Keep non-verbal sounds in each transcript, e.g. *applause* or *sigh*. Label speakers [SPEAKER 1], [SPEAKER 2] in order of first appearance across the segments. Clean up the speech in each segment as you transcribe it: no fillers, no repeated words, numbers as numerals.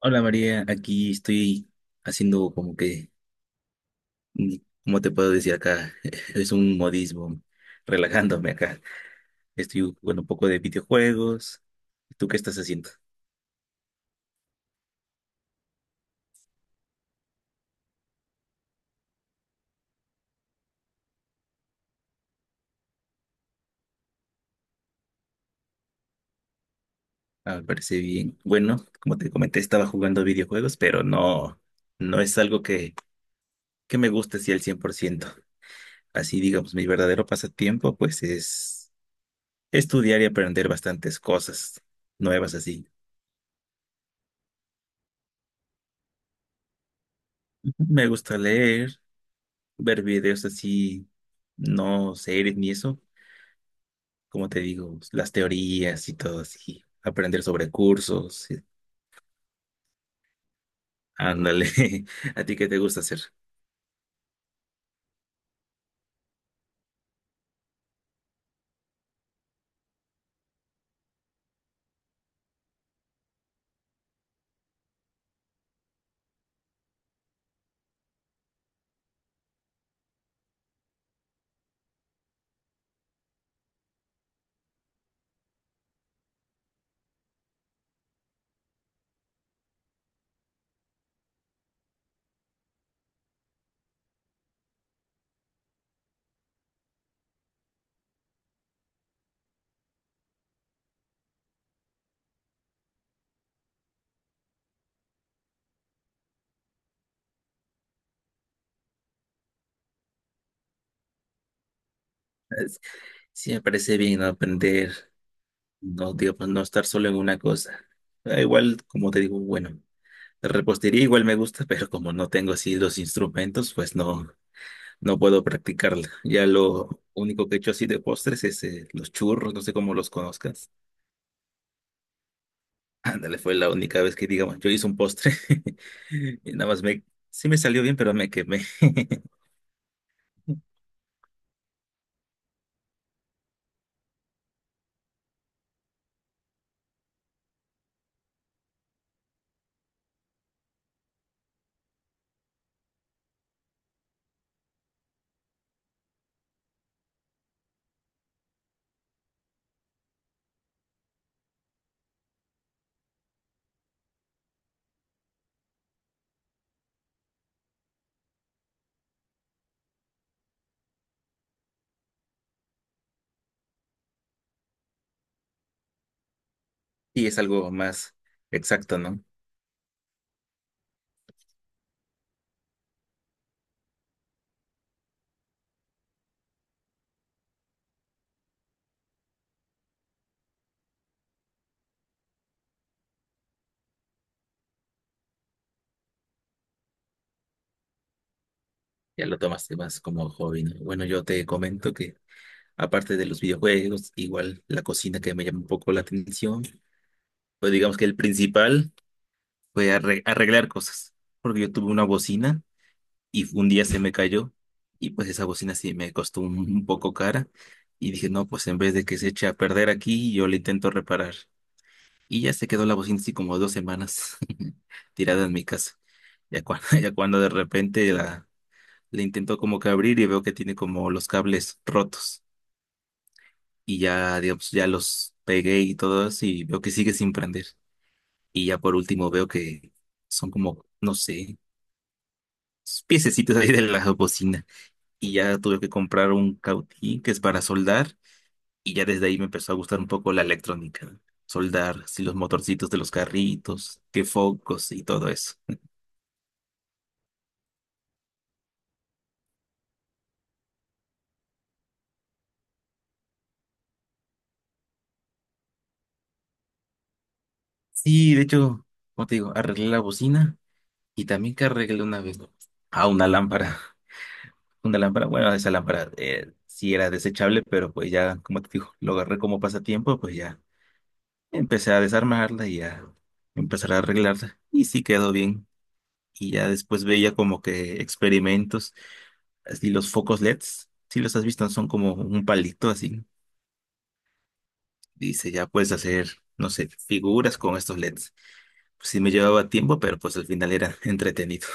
[SPEAKER 1] Hola María, aquí estoy haciendo como que, mm, ¿cómo te puedo decir acá? *laughs* Es un modismo, relajándome acá. Estoy jugando un poco de videojuegos. ¿Tú qué estás haciendo? Ah, me parece bien. Bueno, como te comenté, estaba jugando videojuegos, pero no es algo que me guste así al 100%. Así, digamos, mi verdadero pasatiempo, pues es estudiar y aprender bastantes cosas nuevas así. Me gusta leer, ver videos así, no series ni eso, como te digo, las teorías y todo así, aprender sobre cursos, ándale. *laughs* ¿A ti qué te gusta hacer? Es- Sí, me parece bien, ¿no? Aprender, no, digo, pues, no estar solo en una cosa. Ah, igual, como te digo, bueno, la repostería igual me gusta, *laughs* pero como no tengo así los instrumentos, pues no puedo practicarla. Ya lo único que he hecho así de postres es los churros, no sé cómo los conozcas. Ándale, fue la única vez que, digamos, yo hice un postre. *laughs* Y nada más sí me salió bien, pero me quemé. *laughs* Y es algo más exacto, ¿no? Ya lo tomaste más como hobby, ¿no? Bueno, yo te comento que aparte de los videojuegos, igual la cocina que me llama un poco la atención, pues digamos que el principal fue arreglar cosas, porque yo tuve una bocina y un día se me cayó y pues esa bocina sí me costó un poco cara y dije, no, pues en vez de que se eche a perder aquí, yo la intento reparar. Y ya se quedó la bocina así como 2 semanas *laughs* tirada en mi casa. Ya cuando, *laughs* ya cuando de repente le intento como que abrir y veo que tiene como los cables rotos. Y ya, digamos, ya los pegué y todo eso y veo que sigue sin prender. Y ya por último veo que son como, no sé, piececitos ahí de la bocina. Y ya tuve que comprar un cautín que es para soldar. Y ya desde ahí me empezó a gustar un poco la electrónica. Soldar, así los motorcitos de los carritos, que focos y todo eso. Sí, de hecho, como te digo, arreglé la bocina y también que arreglé una vez a una lámpara. *laughs* Una lámpara, bueno, esa lámpara sí era desechable, pero pues ya, como te digo, lo agarré como pasatiempo, pues ya empecé a desarmarla y a empezar a arreglarla. Y sí quedó bien. Y ya después veía como que experimentos, así los focos LEDs, si los has visto, son como un palito así. Dice, ya puedes hacer, no sé, figuras con estos LEDs. Pues sí me llevaba tiempo, pero pues al final era *laughs* entretenido.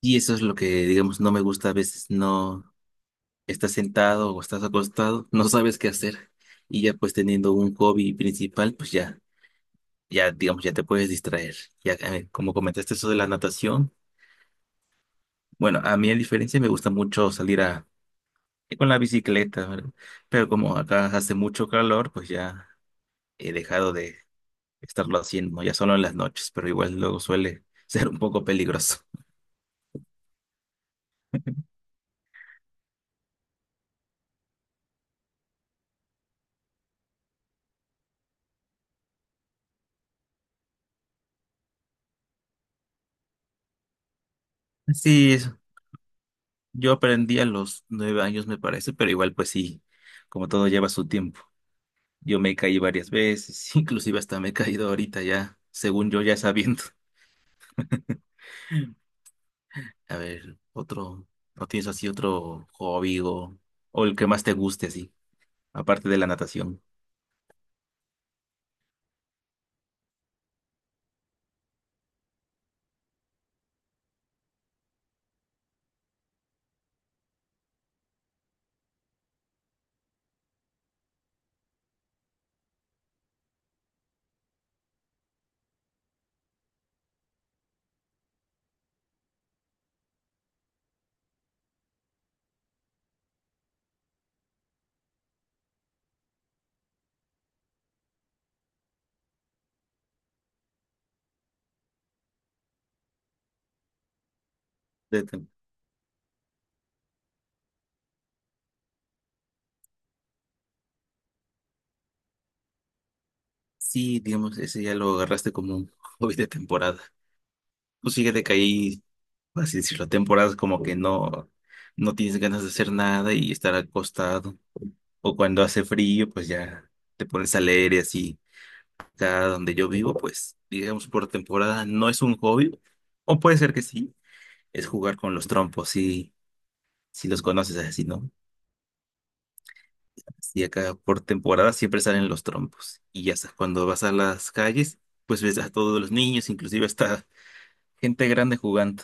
[SPEAKER 1] Y eso es lo que, digamos, no me gusta a veces, no estás sentado o estás acostado, no sabes qué hacer. Y ya pues teniendo un hobby principal, pues ya, ya, digamos, ya te puedes distraer. Ya, como comentaste eso de la natación, bueno, a mí a diferencia me gusta mucho salir con la bicicleta, ¿verdad? Pero como acá hace mucho calor, pues ya he dejado de estarlo haciendo, ya solo en las noches, pero igual luego suele *laughs* ser un poco peligroso. Sí, yo aprendí a los 9 años, me parece, pero igual pues sí, como todo lleva su tiempo. Yo me caí varias veces, *laughs* inclusive hasta me he caído ahorita ya, según yo ya sabiendo. *laughs* A ver, otro, ¿no tienes así otro hobby o el que más te guste así, aparte de la natación? De tem- sí, digamos, ese ya lo agarraste como un *laughs* hobby de temporada. Pues fíjate que ahí por así decirlo, temporadas como que no tienes ganas de hacer nada y estar acostado. O cuando hace frío, pues ya te pones a leer y así. Acá donde yo vivo, pues digamos por temporada no es un hobby, o puede ser que sí, es jugar con los trompos, si los conoces así, ¿no? Y acá por temporada siempre salen los trompos. Y ya sabes, cuando vas a las calles, pues ves a todos los niños, inclusive hasta gente grande jugando.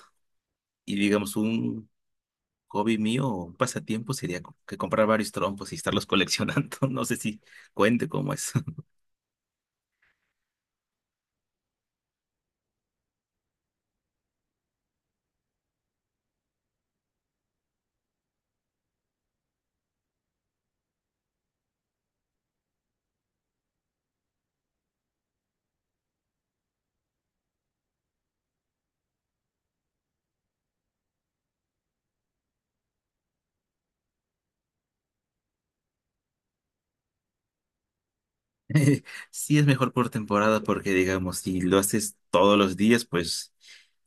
[SPEAKER 1] Y digamos, un hobby mío o un pasatiempo sería que comprar varios trompos y estarlos coleccionando. *laughs* No sé si cuente cómo es. *laughs* Sí es mejor por temporada porque, digamos, si lo haces todos los días, pues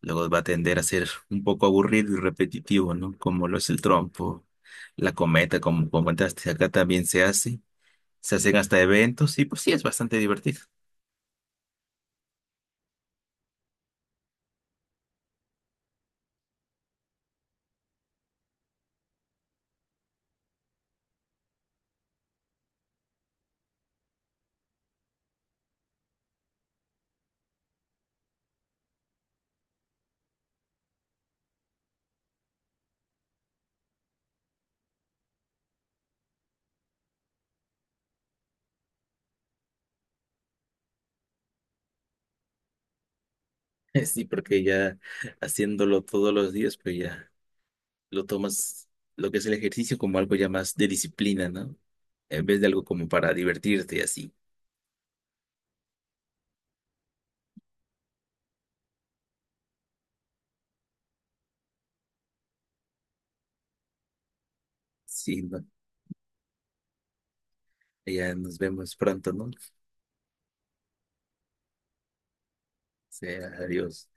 [SPEAKER 1] luego va a tender a ser un poco aburrido y repetitivo, ¿no? Como lo es el trompo, la cometa, como comentaste, acá también se hace. Se hacen hasta eventos y pues sí es bastante divertido. *laughs* Sí, porque ya haciéndolo todos los días, pues ya. Lo tomas lo que es el ejercicio como algo ya más de disciplina, ¿no? En vez de algo como para divertirte y así. Sí, ¿no? Ya nos vemos pronto, ¿no? Sea, adiós.